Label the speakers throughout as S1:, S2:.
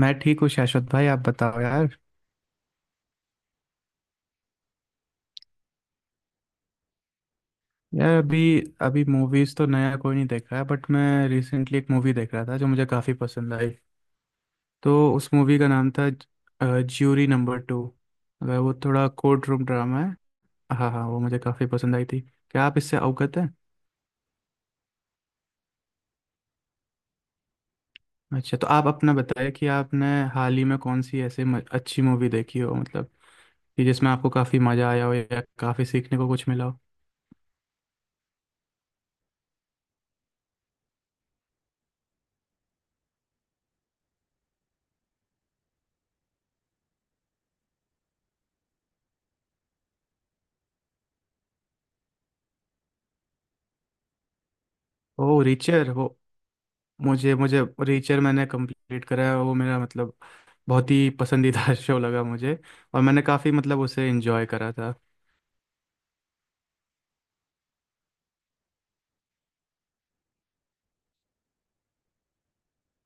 S1: मैं ठीक हूँ शाश्वत भाई, आप बताओ यार। यार, अभी अभी मूवीज तो नया कोई नहीं देख रहा है, बट मैं रिसेंटली एक मूवी देख रहा था जो मुझे काफ़ी पसंद आई। तो उस मूवी का नाम था ज्यूरी नंबर टू। अगर वो थोड़ा कोर्ट रूम ड्रामा है। हाँ हाँ, वो मुझे काफ़ी पसंद आई थी। क्या आप इससे अवगत हैं? अच्छा, तो आप अपना बताइए कि आपने हाल ही में कौन सी ऐसी अच्छी मूवी देखी हो मतलब, कि जिसमें आपको काफ़ी मज़ा आया हो या काफ़ी सीखने को कुछ मिला हो। ओ रीचर वो। मुझे मुझे रीचर मैंने कंप्लीट करा है वो, मेरा मतलब बहुत ही पसंदीदा शो लगा मुझे। और मैंने काफ़ी मतलब उसे एंजॉय करा था।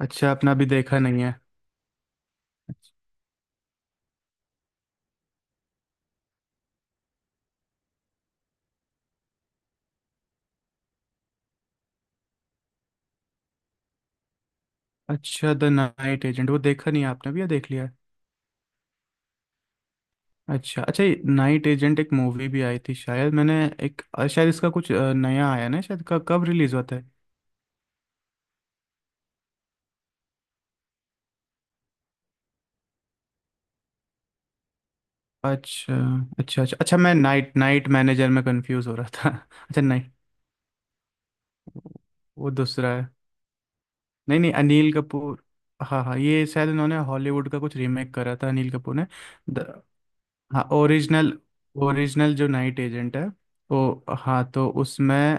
S1: अच्छा, आपने अभी देखा नहीं है। अच्छा द नाइट एजेंट वो देखा नहीं है आपने भी, या देख लिया है? अच्छा अच्छा, ये नाइट एजेंट एक मूवी भी आई थी शायद, मैंने एक शायद इसका कुछ नया आया ना शायद, कब रिलीज होता है? अच्छा अच्छा अच्छा अच्छा, मैं नाइट नाइट मैनेजर में कंफ्यूज हो रहा था अच्छा नाइट वो दूसरा है। नहीं नहीं अनिल कपूर, हाँ हाँ ये शायद इन्होंने हॉलीवुड का कुछ रीमेक करा था अनिल कपूर ने। द, हाँ ओरिजिनल ओरिजिनल जो नाइट एजेंट है वो, हाँ तो उसमें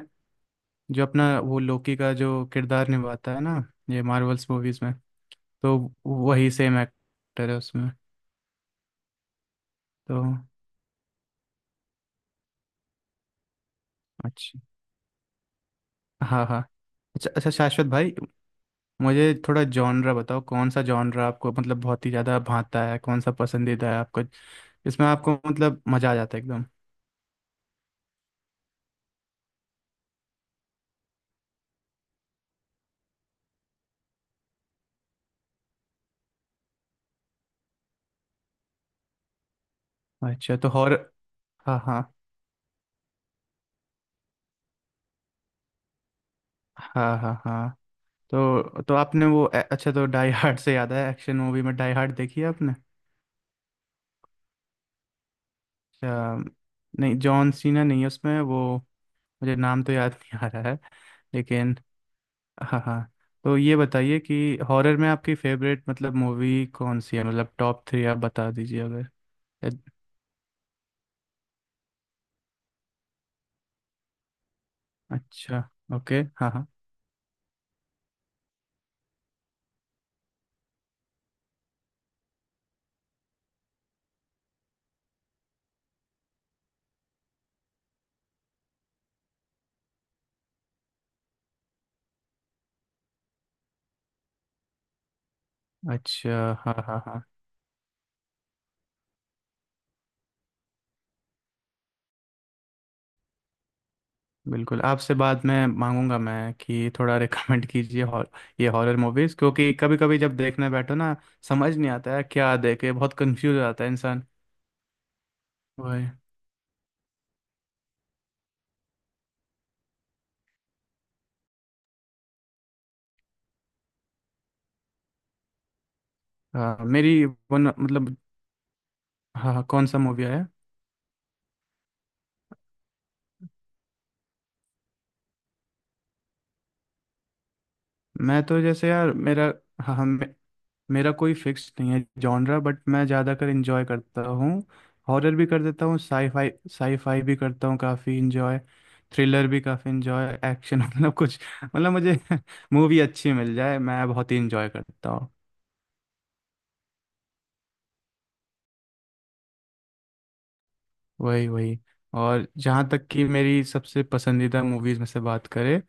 S1: जो अपना वो लोकी का जो किरदार निभाता है ना, ये मार्वल्स मूवीज में, तो वही सेम एक्टर है उसमें। तो अच्छा। हाँ हाँ। अच्छा अच्छा शाश्वत भाई, मुझे थोड़ा जॉनरा बताओ, कौन सा जॉनरा आपको मतलब बहुत ही ज़्यादा भाता है, कौन सा पसंदीदा है आपको? इसमें आपको मतलब मज़ा आ जाता है एकदम। अच्छा तो हॉर हाँ हाँ हाँ हाँ हाँ। अच्छा तो डाई हार्ड से याद है, एक्शन मूवी में डाई हार्ड देखी है आपने? अच्छा, नहीं जॉन सीना नहीं है उसमें वो, मुझे नाम तो याद नहीं आ रहा है लेकिन। हाँ हाँ, तो ये बताइए कि हॉरर में आपकी फेवरेट मतलब मूवी कौन सी है? मतलब टॉप थ्री आप बता दीजिए अगर। अच्छा ओके हाँ हाँ अच्छा हाँ हाँ हाँ। बिल्कुल, आपसे बाद में मांगूंगा मैं कि थोड़ा रिकमेंड कीजिए हॉर ये हॉरर मूवीज़, क्योंकि कभी कभी जब देखने बैठो ना, समझ नहीं आता है क्या देखे, बहुत कंफ्यूज हो जाता है इंसान। वही। हाँ मेरी वन मतलब। हाँ हाँ, कौन सा मूवी है? मैं तो जैसे यार मेरा, हाँ हाँ मेरा कोई फिक्स नहीं है जॉनरा, बट मैं ज़्यादातर इंजॉय करता हूँ। हॉरर भी कर देता हूँ, साईफाई साईफाई भी करता हूँ काफ़ी इंजॉय, थ्रिलर भी काफ़ी इंजॉय, एक्शन मतलब कुछ मतलब मुझे मूवी अच्छी मिल जाए मैं बहुत ही इंजॉय करता हूँ। वही वही। और जहाँ तक कि मेरी सबसे पसंदीदा मूवीज़ में से बात करें,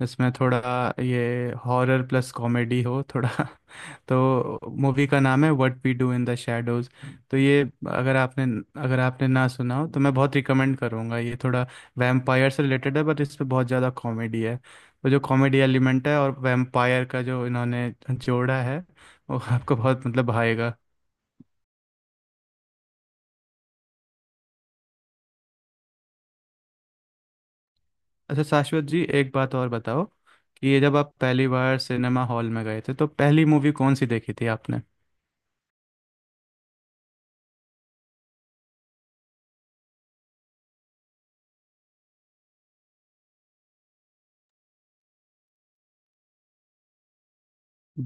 S1: जिसमें थोड़ा ये हॉरर प्लस कॉमेडी हो थोड़ा तो मूवी का नाम है what we do in the shadows. तो ये, अगर आपने अगर आपने ना सुना हो तो मैं बहुत रिकमेंड करूंगा ये। थोड़ा वैम्पायर से रिलेटेड है, बट इस पे बहुत ज़्यादा कॉमेडी है। तो जो कॉमेडी एलिमेंट है और वैम्पायर का जो इन्होंने जोड़ा है, वो आपको बहुत मतलब भाएगा। अच्छा शाश्वत जी, एक बात और बताओ कि ये जब आप पहली बार सिनेमा हॉल में गए थे तो पहली मूवी कौन सी देखी थी आपने?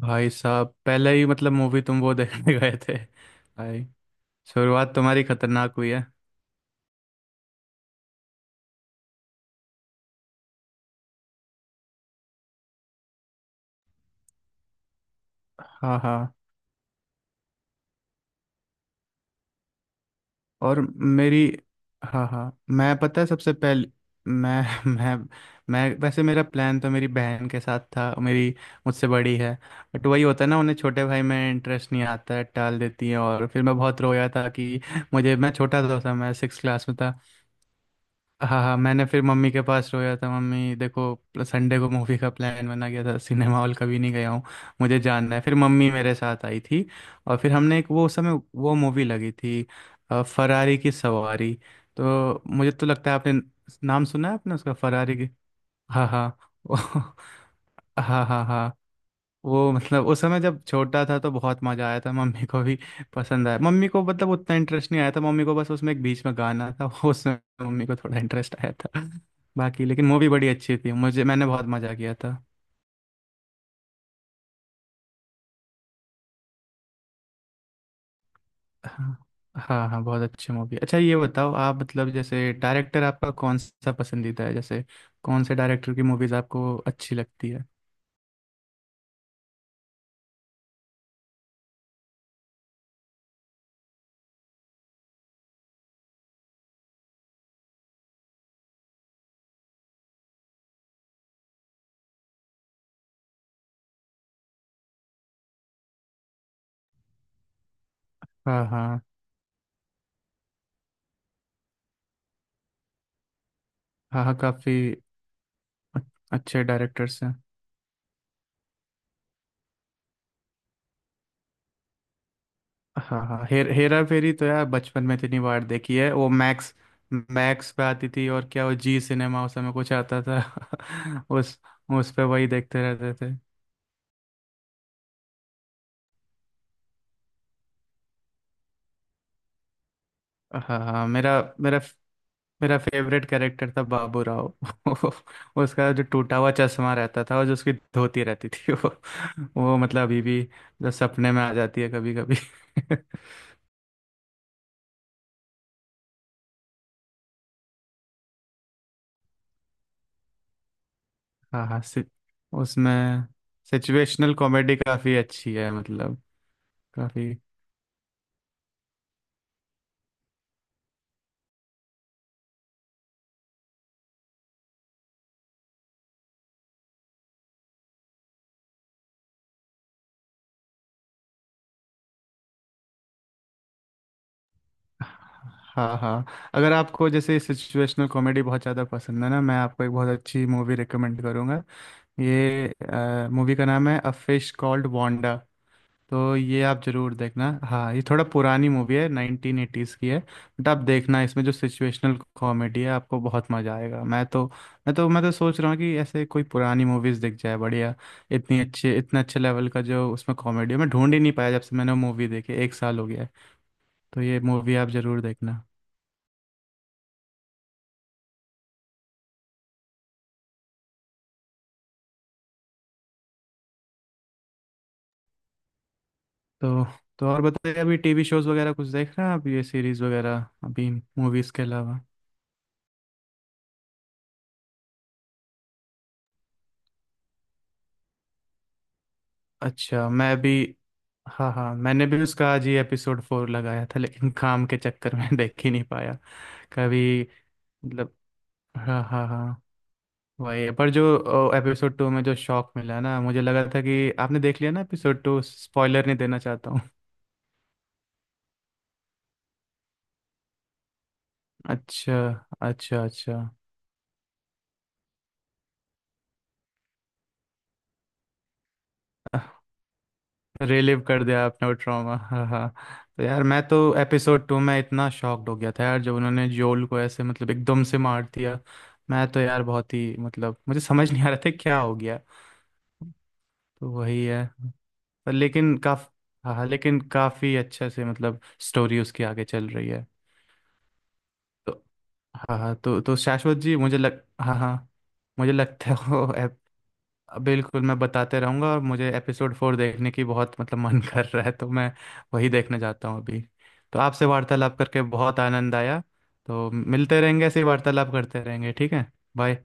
S1: भाई साहब, पहले ही मतलब मूवी तुम वो देखने गए थे भाई? शुरुआत तुम्हारी खतरनाक हुई है। हाँ हाँ और मेरी, हाँ हाँ मैं पता है सबसे पहले, मैं मैं मैं वैसे मेरा प्लान तो मेरी बहन के साथ था। मेरी, मुझसे बड़ी है, बट वही होता है ना, उन्हें छोटे भाई में इंटरेस्ट नहीं आता है, टाल देती है। और फिर मैं बहुत रोया था कि मुझे, मैं छोटा था उस समय सिक्स क्लास में था। हाँ हाँ, मैंने फिर मम्मी के पास रोया था, मम्मी देखो संडे को मूवी का प्लान बना गया था, सिनेमा हॉल कभी नहीं गया हूँ, मुझे जानना है। फिर मम्मी मेरे साथ आई थी, और फिर हमने एक वो उस समय वो मूवी लगी थी, फरारी की सवारी। तो मुझे तो लगता है आपने नाम सुना है आपने उसका, फरारी की। हाँ हाँ हाँ हाँ हाँ। वो मतलब उस समय जब छोटा था तो बहुत मजा आया था, मम्मी को भी पसंद आया, मम्मी को मतलब उतना इंटरेस्ट नहीं आया था मम्मी को, बस उसमें एक बीच में गाना था वो उसमें मम्मी को थोड़ा इंटरेस्ट आया था। बाकी लेकिन मूवी बड़ी अच्छी थी मुझे, मैंने बहुत मजा किया था। हाँ हाँ हाँ, बहुत अच्छी मूवी। अच्छा ये बताओ आप मतलब जैसे डायरेक्टर आपका कौन सा पसंदीदा है, जैसे कौन से डायरेक्टर की मूवीज आपको अच्छी लगती है? हाँ हाँ हाँ हाँ, काफी अच्छे डायरेक्टर्स हैं। हाँ हाँ हाँ। हेरा फेरी तो यार बचपन में इतनी बार देखी है वो, मैक्स मैक्स पे आती थी, और क्या वो जी सिनेमा उस समय कुछ आता था उस पे वही देखते रहते थे। हाँ हाँ मेरा मेरा मेरा फेवरेट कैरेक्टर था बाबू राव उसका जो टूटा हुआ चश्मा रहता था और जो उसकी धोती रहती थी वो मतलब अभी भी जो सपने में आ जाती है कभी कभी हाँ हाँ, उसमें सिचुएशनल कॉमेडी काफी अच्छी है मतलब। काफी। हाँ हाँ, अगर आपको जैसे सिचुएशनल कॉमेडी बहुत ज़्यादा पसंद है ना, मैं आपको एक बहुत अच्छी मूवी रिकमेंड करूँगा। ये मूवी का नाम है अ फिश कॉल्ड वांडा। तो ये आप ज़रूर देखना। हाँ ये थोड़ा पुरानी मूवी है, 1980s की है, बट आप देखना इसमें जो सिचुएशनल कॉमेडी है, आपको बहुत मज़ा आएगा। मैं तो सोच रहा हूँ कि ऐसे कोई पुरानी मूवीज़ दिख जाए बढ़िया, इतनी अच्छे इतने अच्छे लेवल का जो उसमें कॉमेडी है मैं ढूंढ ही नहीं पाया, जब से मैंने वो मूवी देखी एक साल हो गया है। तो ये मूवी आप ज़रूर देखना। तो तो और बताइए अभी टीवी शोज वगैरह कुछ देख रहे हैं आप, ये सीरीज वगैरह, अभी मूवीज के अलावा? अच्छा मैं भी, हाँ हाँ मैंने भी उसका आज ही एपिसोड 4 लगाया था, लेकिन काम के चक्कर में देख ही नहीं पाया। कभी मतलब, हाँ हाँ हाँ, वही पर जो एपिसोड 2 में जो शॉक मिला ना, मुझे लगा था कि आपने देख लिया ना एपिसोड 2, स्पॉइलर नहीं देना चाहता हूँ। अच्छा अच्छा अच्छा, रिलीव कर दिया आपने वो ट्रॉमा, हाँ हाँ। तो यार मैं तो एपिसोड 2 में इतना शॉक्ड हो गया था यार, जब उन्होंने जोल को ऐसे मतलब एकदम से मार दिया। मैं तो यार बहुत ही मतलब मुझे समझ नहीं आ रहा था क्या हो गया। तो वही है। पर लेकिन काफ हाँ हाँ, लेकिन काफ़ी अच्छे से मतलब स्टोरी उसकी आगे चल रही है। तो हाँ हाँ, तो शाश्वत जी मुझे लग हाँ हाँ, मुझे लगता है वो। बिल्कुल, मैं बताते रहूंगा, और मुझे एपिसोड 4 देखने की बहुत मतलब मन कर रहा है तो मैं वही देखने जाता हूँ अभी। तो आपसे वार्तालाप करके बहुत आनंद आया। तो मिलते रहेंगे ऐसे ही वार्तालाप करते रहेंगे, ठीक है। बाय।